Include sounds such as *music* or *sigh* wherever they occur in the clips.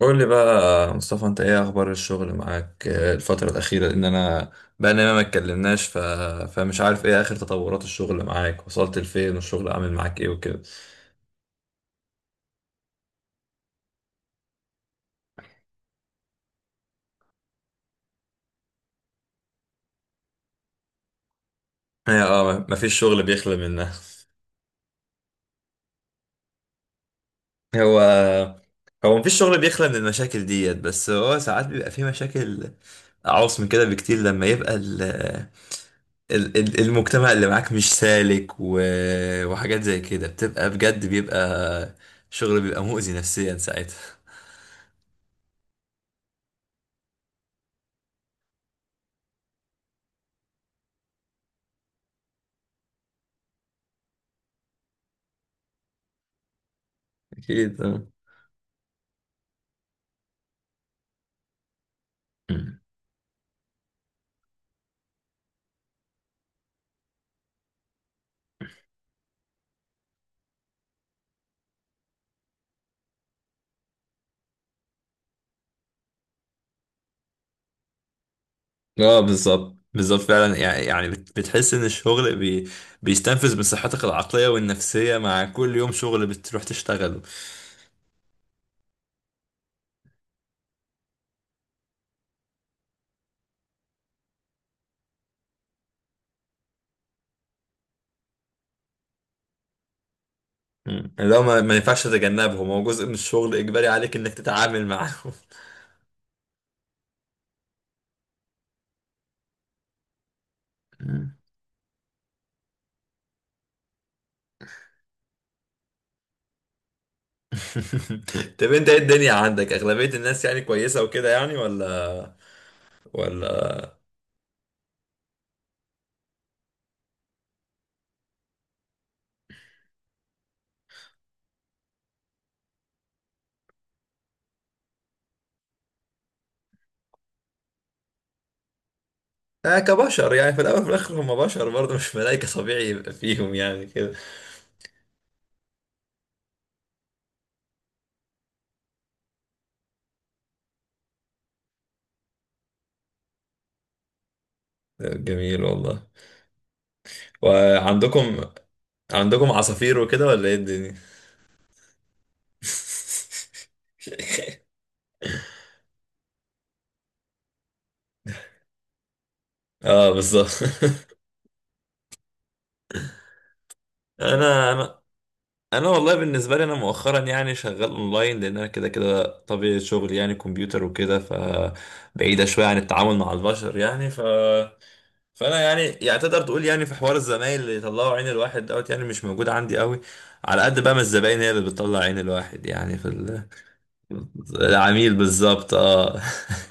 قول لي بقى مصطفى، انت ايه اخبار الشغل معاك الفترة الأخيرة؟ لأن انا بقى لنا ما اتكلمناش فمش عارف ايه اخر تطورات الشغل معاك، وصلت لفين والشغل عامل معاك ايه وكده. هي اه، مفيش شغل بيخلى منها. *laughs* هو هو مفيش شغل بيخلى من المشاكل ديت، بس هو ساعات بيبقى فيه مشاكل أعوص من كده بكتير، لما يبقى المجتمع اللي معاك مش سالك وحاجات زي كده، بتبقى بجد بيبقى شغل، بيبقى مؤذي نفسيا ساعتها. اكيد اه. مم. اه بالظبط بالظبط فعلا، يعني يعني بتحس ان الشغل بيستنفذ من صحتك العقليه والنفسيه مع كل يوم شغل بتروح تشتغله. مم. اللي هو ما ينفعش تتجنبهم، هو جزء من الشغل، اجباري عليك انك تتعامل معاهم. مم. *laughs* طب انت ايه الدنيا عندك؟ اغلبيه الناس يعني كويسه وكده يعني ولا آه، كبشر يعني في الاول وفي الاخر هم بشر برضه، مش ملائكه، طبيعي يبقى فيهم يعني كده. آه، جميل والله. وعندكم، عندكم عصافير وكده ولا ايه الدنيا؟ *laughs* اه بالظبط. *laughs* انا انا انا والله بالنسبه لي انا مؤخرا يعني شغال اونلاين، لان انا كده كده طبيعه شغلي يعني كمبيوتر وكده، فبعيده شويه عن التعامل مع البشر يعني فانا يعني يعني تقدر تقول يعني في حوار الزمايل اللي يطلعوا عين الواحد دوت يعني مش موجود عندي قوي، على قد بقى ما الزباين هي اللي بتطلع عين الواحد يعني في العميل بالظبط اه.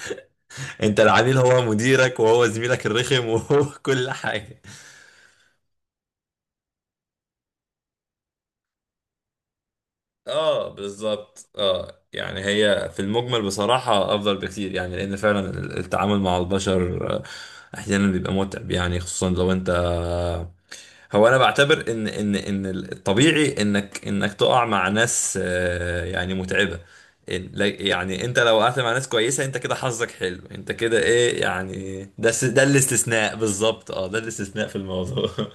*laughs* انت العميل هو مديرك، وهو زميلك الرخم، وهو *laughs* كل حاجة. اه بالظبط اه، يعني هي في المجمل بصراحة افضل بكتير يعني، لان فعلا التعامل مع البشر احيانا بيبقى متعب يعني، خصوصا لو انت، هو انا بعتبر ان الطبيعي انك انك تقع مع ناس يعني متعبة. يعني انت لو وقعت مع ناس كويسة، انت كده حظك حلو، انت كده ايه يعني، ده ده الاستثناء بالظبط، اه ده الاستثناء في الموضوع. *laughs*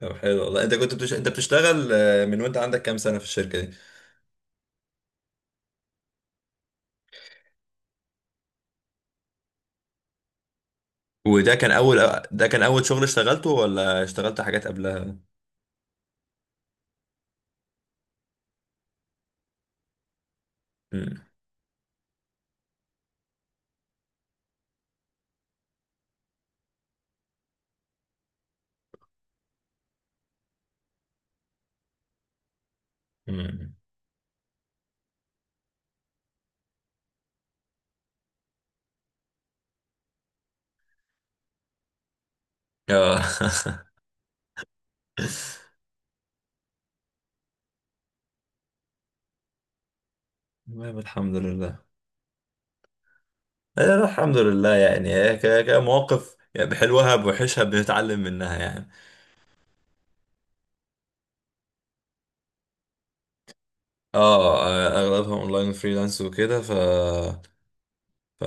طب حلو والله، انت كنت انت بتشتغل من وانت عندك كام سنة في الشركة دي؟ وده كان اول، ده كان اول شغل اشتغلته ولا اشتغلت حاجات قبلها؟ مم. مم. اه. *laughs* تمام الحمد لله. آه، الحمد لله، يعني هي كمواقف يعني بحلوها بوحشها بنتعلم منها يعني. اه، آه، اغلبها اونلاين فريلانس وكده ف ف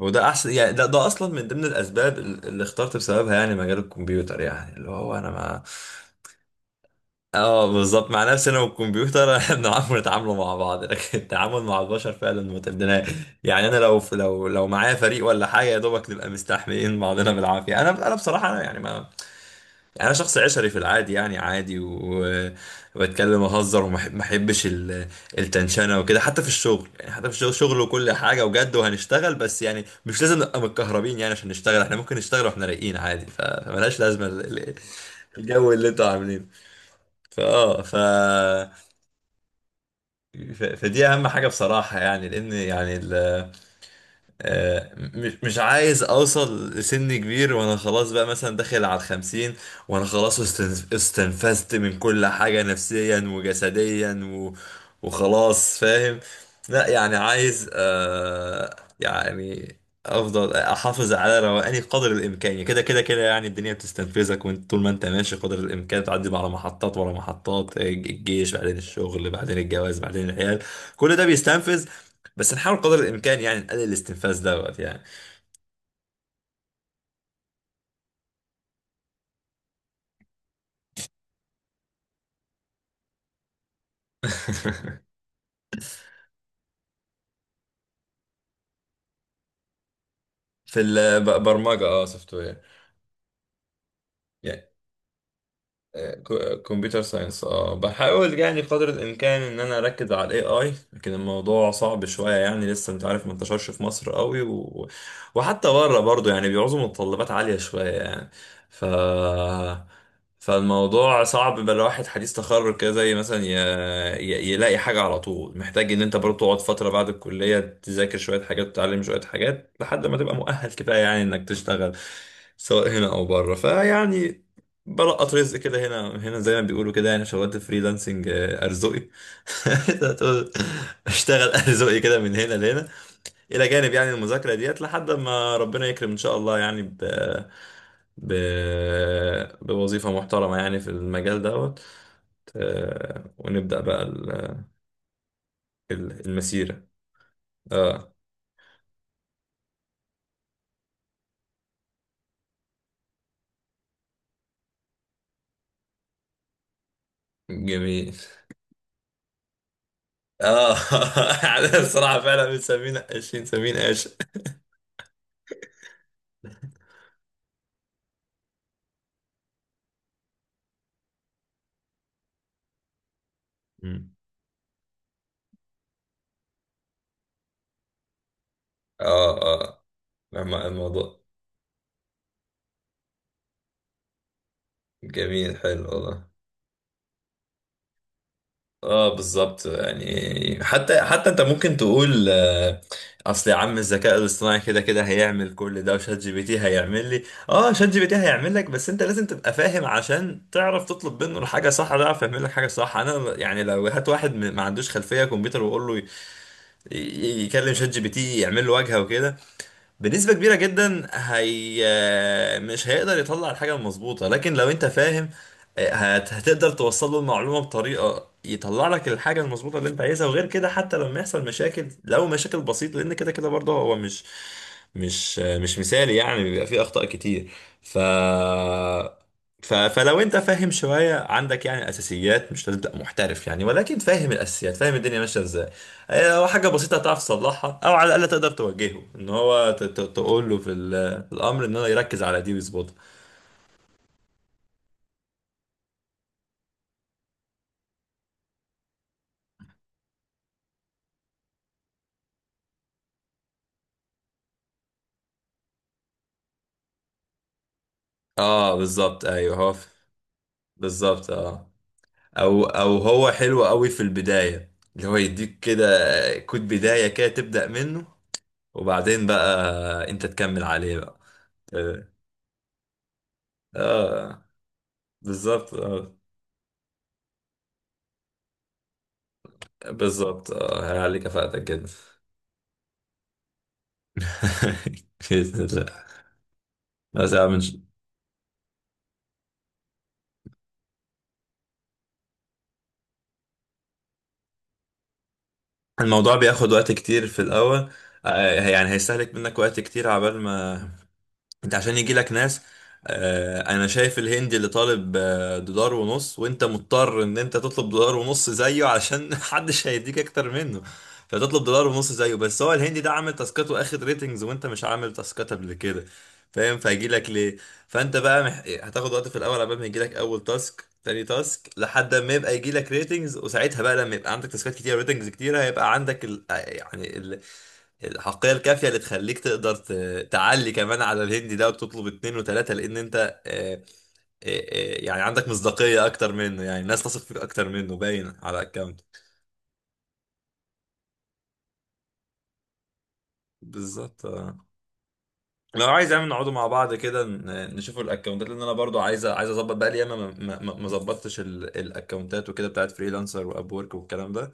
وده احسن يعني، ده اصلا من ضمن الاسباب اللي اخترت بسببها يعني مجال الكمبيوتر يعني، اللي هو انا ما. اه بالظبط، مع نفسنا والكمبيوتر. *laughs* احنا بنعرف نتعاملوا مع بعض، لكن التعامل مع البشر فعلا متبناه يعني. انا لو معايا فريق ولا حاجه، يا دوبك نبقى مستحملين بعضنا بالعافيه. انا بصراحه انا يعني ما، يعني انا شخص عشري في العادي يعني، عادي و، وبتكلم واهزر، ما احبش التنشنه وكده، حتى في الشغل يعني، حتى في الشغل، شغل وكل حاجه وجد وهنشتغل، بس يعني مش لازم نبقى متكهربين يعني عشان نشتغل، احنا ممكن نشتغل واحنا رايقين عادي، فملهاش لازمه الجو اللي انتوا عاملينه. فاه ف... فدي اهم حاجه بصراحه يعني، لان يعني آه، مش عايز اوصل لسن كبير وانا خلاص بقى مثلا داخل على الخمسين، وانا خلاص استنفذت من كل حاجة نفسيا وجسديا وخلاص، فاهم. لا يعني عايز آه يعني افضل احافظ على روقاني قدر الامكان يعني، كده كده كده يعني الدنيا بتستنفذك، وانت طول ما انت ماشي قدر الامكان تعدي على محطات ورا محطات، الجيش، بعدين الشغل، بعدين الجواز، بعدين العيال، كل ده بيستنفذ، بس نحاول قدر الامكان يعني نقلل الاستنفاذ دوت يعني. *laughs* في البرمجه، اه سوفت وير. كمبيوتر ساينس اه، بحاول يعني بقدر الامكان ان انا اركز على الاي اي، لكن الموضوع صعب شويه يعني، لسه انت عارف ما انتشرش في مصر قوي وحتى بره برضو يعني بيعوزوا متطلبات عاليه شويه يعني. ف فالموضوع صعب، بقى الواحد حديث تخرج كده زي مثلا يلاقي حاجه على طول، محتاج ان انت برضو تقعد فتره بعد الكليه تذاكر شويه حاجات وتتعلم شويه حاجات لحد ما تبقى مؤهل كفايه يعني انك تشتغل سواء هنا او بره، فيعني بلقط رزق كده هنا هنا زي ما بيقولوا كده يعني، شغلت فريلانسنج آه، ارزقي. *laughs* تقول اشتغل ارزقي كده من هنا لهنا، الى جانب يعني المذاكره ديت، لحد ما ربنا يكرم ان شاء الله يعني ب... بوظيفه محترمه يعني في المجال دوت، ونبدا بقى المسيره. اه جميل، اه. *laughs* احنا بصراحه فعلا بنسمينا قاشين، سمين قاش. مم. اه اه، مع الموضوع. جميل حلو والله. اه بالظبط، يعني حتى حتى انت ممكن تقول آه، اصل يا عم الذكاء الاصطناعي كده كده هيعمل كل ده، وشات جي بي تي هيعمل لي، اه شات جي بي تي هيعمل لك، بس انت لازم تبقى فاهم عشان تعرف تطلب منه الحاجه صح، ده يعرف يعمل لك حاجه صح. انا يعني لو هات واحد ما عندوش خلفيه كمبيوتر وقول له يكلم شات جي بي تي يعمل له واجهه وكده، بنسبة كبيرة جدا هي مش هيقدر يطلع الحاجة المظبوطة، لكن لو انت فاهم هتقدر توصل له المعلومة بطريقة يطلع لك الحاجة المظبوطة اللي انت عايزها. وغير كده، حتى لما يحصل مشاكل، لو مشاكل بسيطة، لان كده كده برضه هو مش مثالي يعني، بيبقى فيه اخطاء كتير. ف فلو انت فاهم شوية، عندك يعني اساسيات، مش لازم تبقى محترف يعني، ولكن فاهم الاساسيات فاهم الدنيا ماشية ازاي، هي هو حاجة بسيطة هتعرف تصلحها، أو على الأقل تقدر توجهه إن هو تقول له في الأمر إن هو يركز على دي ويظبطها. أه بالظبط أيوه، بالظبط أه. أو أو هو حلو أوي في البداية، اللي هو يديك كده كود بداية كده تبدأ منه، وبعدين بقى أنت تكمل عليه بقى. أه، آه، بالظبط أه. بالظبط أه، هيعلي كفاءتك جدا. *laughs* بإذن الله. بس يا عم الموضوع بياخد وقت كتير في الأول، آه، يعني هيستهلك منك وقت كتير عبال ما انت عشان يجي لك ناس. آه، انا شايف الهندي اللي طالب دولار ونص، وانت مضطر ان انت تطلب دولار ونص زيه، علشان *laughs* محدش هيديك اكتر منه، فتطلب دولار ونص زيه. بس هو الهندي ده عامل تاسكات واخد ريتنجز، وانت مش عامل تاسكات قبل كده، فاهم، فهيجي لك ليه؟ فانت بقى هتاخد وقت في الاول، قبل ما يجي لك اول تاسك تاني تاسك، لحد ما يبقى يجي لك ريتنجز. وساعتها بقى، لما يبقى عندك تاسكات كتير ريتنجز كتير، هيبقى عندك يعني الحقية الكافية اللي تخليك تقدر تعلي كمان على الهندي ده وتطلب اتنين وتلاتة، لأن أنت يعني عندك مصداقية أكتر منه، يعني الناس تثق فيك أكتر منه باين على أكونت. بالظبط آه. لو عايز يعني نقعدوا مع بعض كده نشوفوا الأكونتات، لأن أنا برضو عايز، عايز أظبط بقى لي، ياما ما ما ظبطتش الأكونتات وكده بتاعت فريلانسر وأب وورك والكلام ده.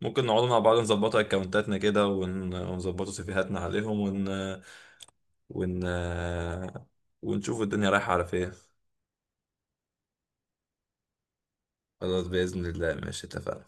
ممكن نقعدوا مع بعض نظبطوا أكونتاتنا كده ونظبطوا سيفيهاتنا عليهم ون ون ونشوف الدنيا رايحة على فين. خلاص بإذن الله، ماشي اتفقنا.